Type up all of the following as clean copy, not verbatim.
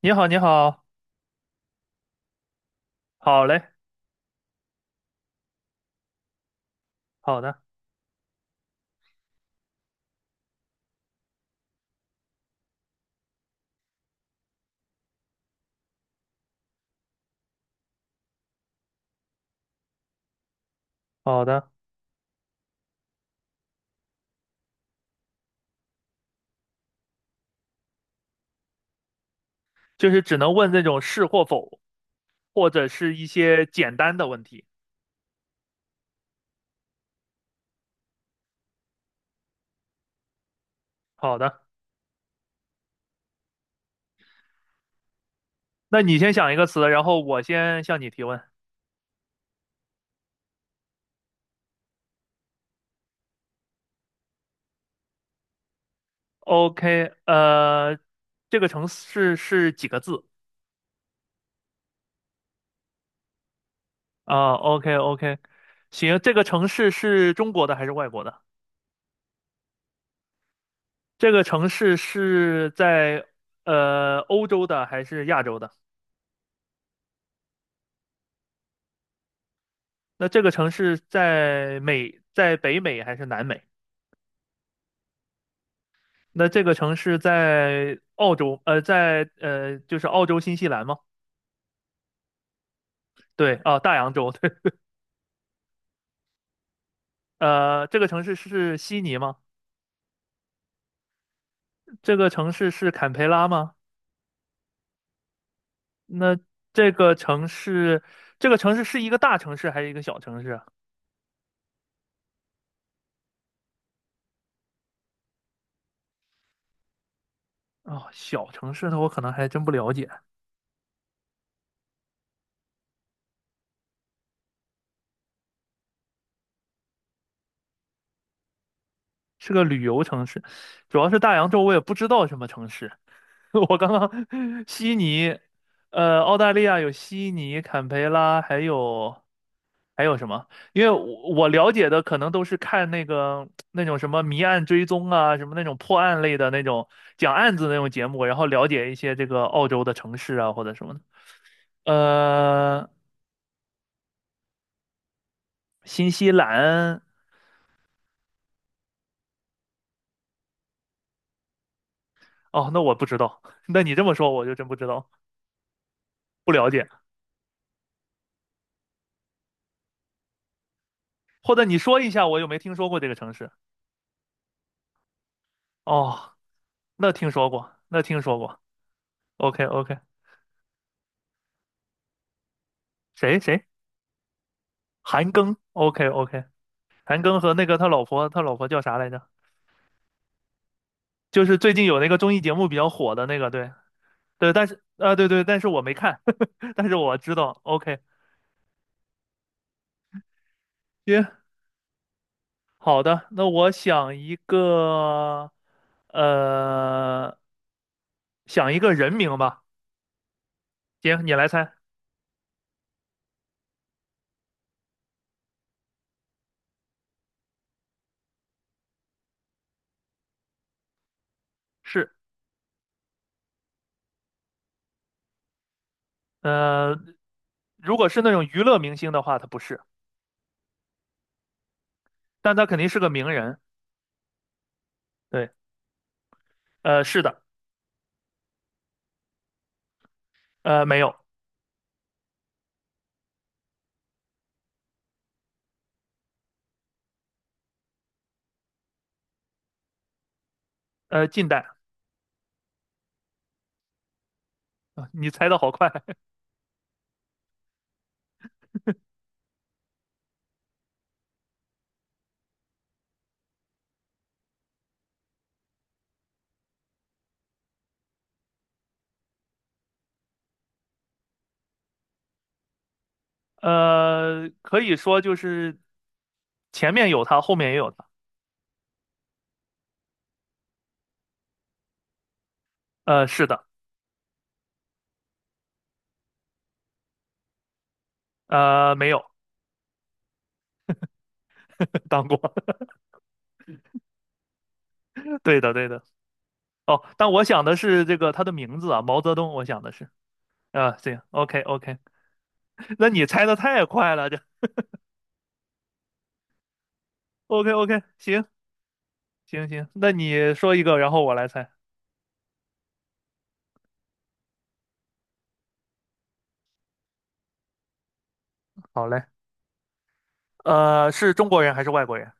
你好，你好，好嘞，好的，好的，就是只能问这种是或否，或者是一些简单的问题。好的，那你先想一个词，然后我先向你提问。OK，这个城市是几个字啊？OK，OK，行，这个城市是中国的还是外国的？这个城市是在欧洲的还是亚洲的？那这个城市在美，在北美还是南美？那这个城市在澳洲，就是澳洲新西兰吗？对，啊，大洋洲，对，这个城市是悉尼吗？这个城市是坎培拉吗？那这个城市，这个城市是一个大城市还是一个小城市啊？哦，小城市的我可能还真不了解，是个旅游城市，主要是大洋洲我也不知道什么城市。我刚刚悉尼，澳大利亚有悉尼、坎培拉，还有什么？因为我了解的可能都是看那个那种什么谜案追踪啊，什么那种破案类的那种讲案子那种节目，然后了解一些这个澳洲的城市啊或者什么的。呃，新西兰，哦，那我不知道，那你这么说我就真不知道，不了解。或者你说一下，我有没听说过这个城市？哦，那听说过，那听说过。OK OK，谁谁？韩庚？OK OK，韩庚和那个他老婆，他老婆叫啥来着？就是最近有那个综艺节目比较火的那个，对对，但是啊、对对，但是我没看，但是我知道。OK，行，好的，那我想一个，呃，想一个人名吧。行，你来猜，是，呃，如果是那种娱乐明星的话，他不是，但他肯定是个名人。对，是的，没有，近代，啊你猜的好快。可以说就是前面有他，后面也有他。是的，没有 当过。对的，对的。哦，但我想的是这个他的名字啊，毛泽东。我想的是啊，行 OK OK。那你猜的太快了，OK OK。行行行，那你说一个，然后我来猜。好嘞。是中国人还是外国人？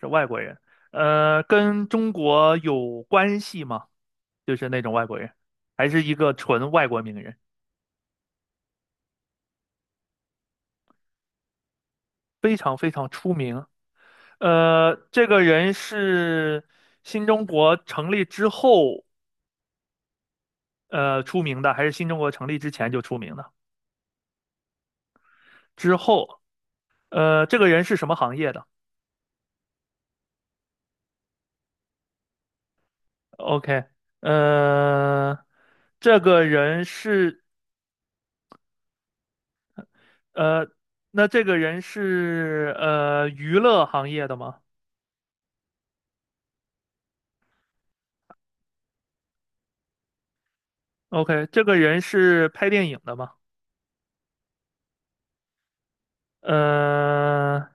是外国人。跟中国有关系吗？就是那种外国人，还是一个纯外国名人，非常非常出名。这个人是新中国成立之后出名的，还是新中国成立之前就出名的？之后，这个人是什么行业的？OK，呃，这个人是呃，那这个人是娱乐行业的吗？OK，这个人是拍电影的吗？呃，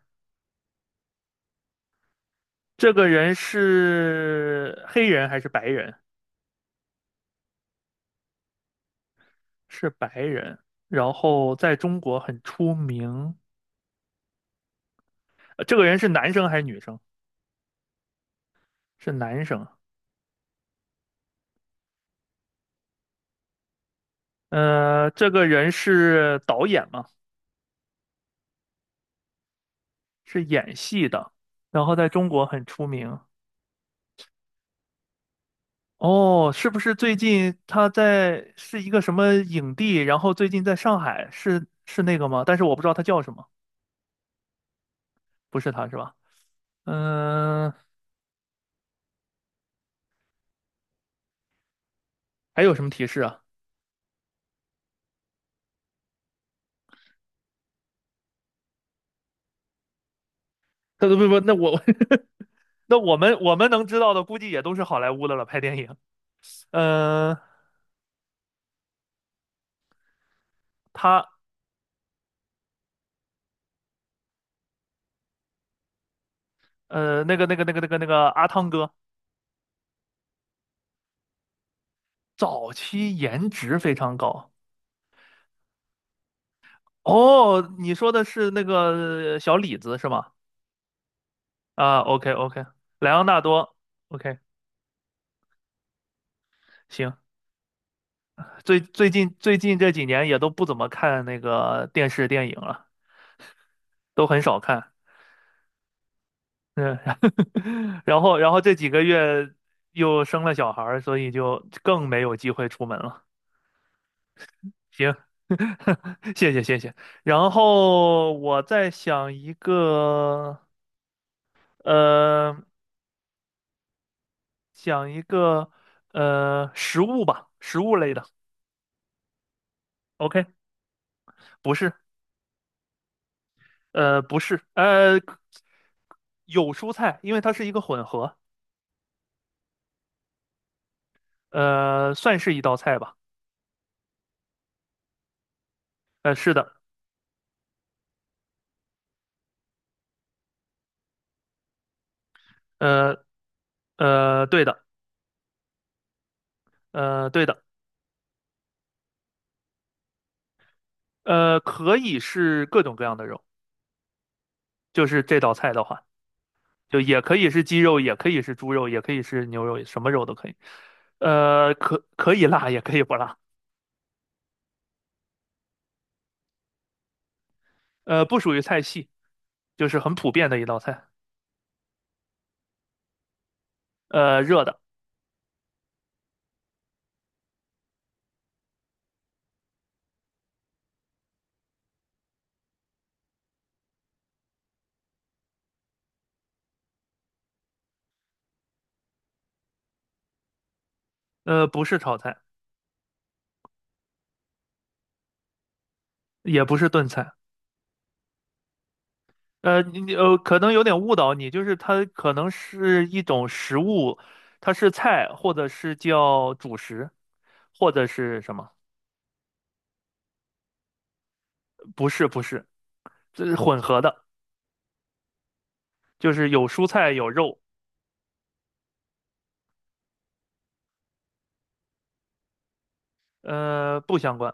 这个人是黑人还是白人？是白人，然后在中国很出名。这个人是男生还是女生？是男生。这个人是导演嘛，是演戏的，然后在中国很出名。哦，是不是最近他在是一个什么影帝？然后最近在上海，是那个吗？但是我不知道他叫什么，不是他是吧？嗯、还有什么提示啊？那不不，那我 那我们能知道的，估计也都是好莱坞的了，拍电影。嗯、呃他那个阿汤哥，早期颜值非常高。哦，你说的是那个小李子是吗？啊，OK OK，莱昂纳多，OK，行。最近这几年也都不怎么看那个电视电影了，都很少看。嗯，然后这几个月又生了小孩儿所以就更没有机会出门了。行，谢谢谢谢。然后我在想一个。呃，讲一个食物吧，食物类的。OK，不是，不是，有蔬菜，因为它是一个混合，算是一道菜吧。是的，呃对的，对的，可以是各种各样的肉，就是这道菜的话，就也可以是鸡肉，也可以是猪肉，也可以是牛肉，什么肉都可以。可以辣，也可以不辣。不属于菜系，就是很普遍的一道菜。热的。不是炒菜，也不是炖菜，你你呃，可能有点误导你，就是它可能是一种食物，它是菜，或者是叫主食，或者是什么？不是，不是，这是混合的，就是有蔬菜有肉，不相关，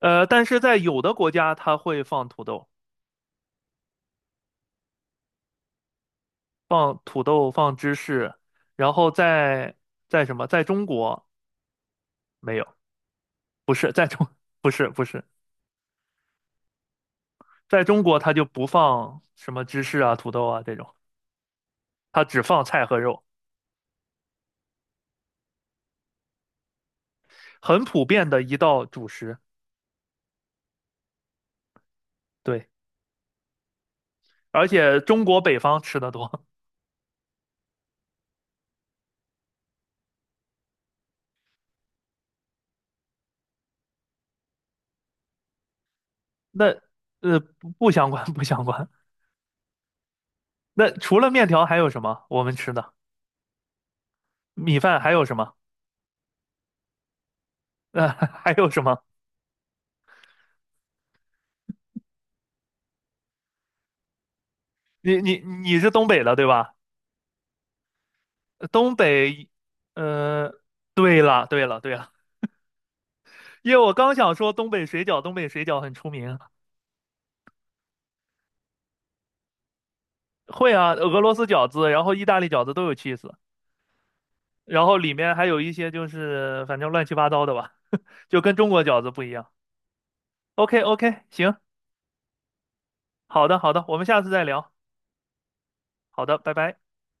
但是在有的国家它会放土豆，放土豆，放芝士，然后在什么，在中国没有，不是在中，不是不是。在中国它就不放什么芝士啊、土豆啊这种，它只放菜和肉，很普遍的一道主食。对，而且中国北方吃的多，那不不相关不相关。那除了面条还有什么我们吃的？米饭还有什么？还有什么？你是东北的对吧？东北，呃，对了对了对了，因为我刚想说东北水饺，东北水饺很出名。会啊，俄罗斯饺子，然后意大利饺子都有 cheese。然后里面还有一些就是反正乱七八糟的吧，就跟中国饺子不一样。OK OK，行，好的好的，我们下次再聊。好的，拜拜。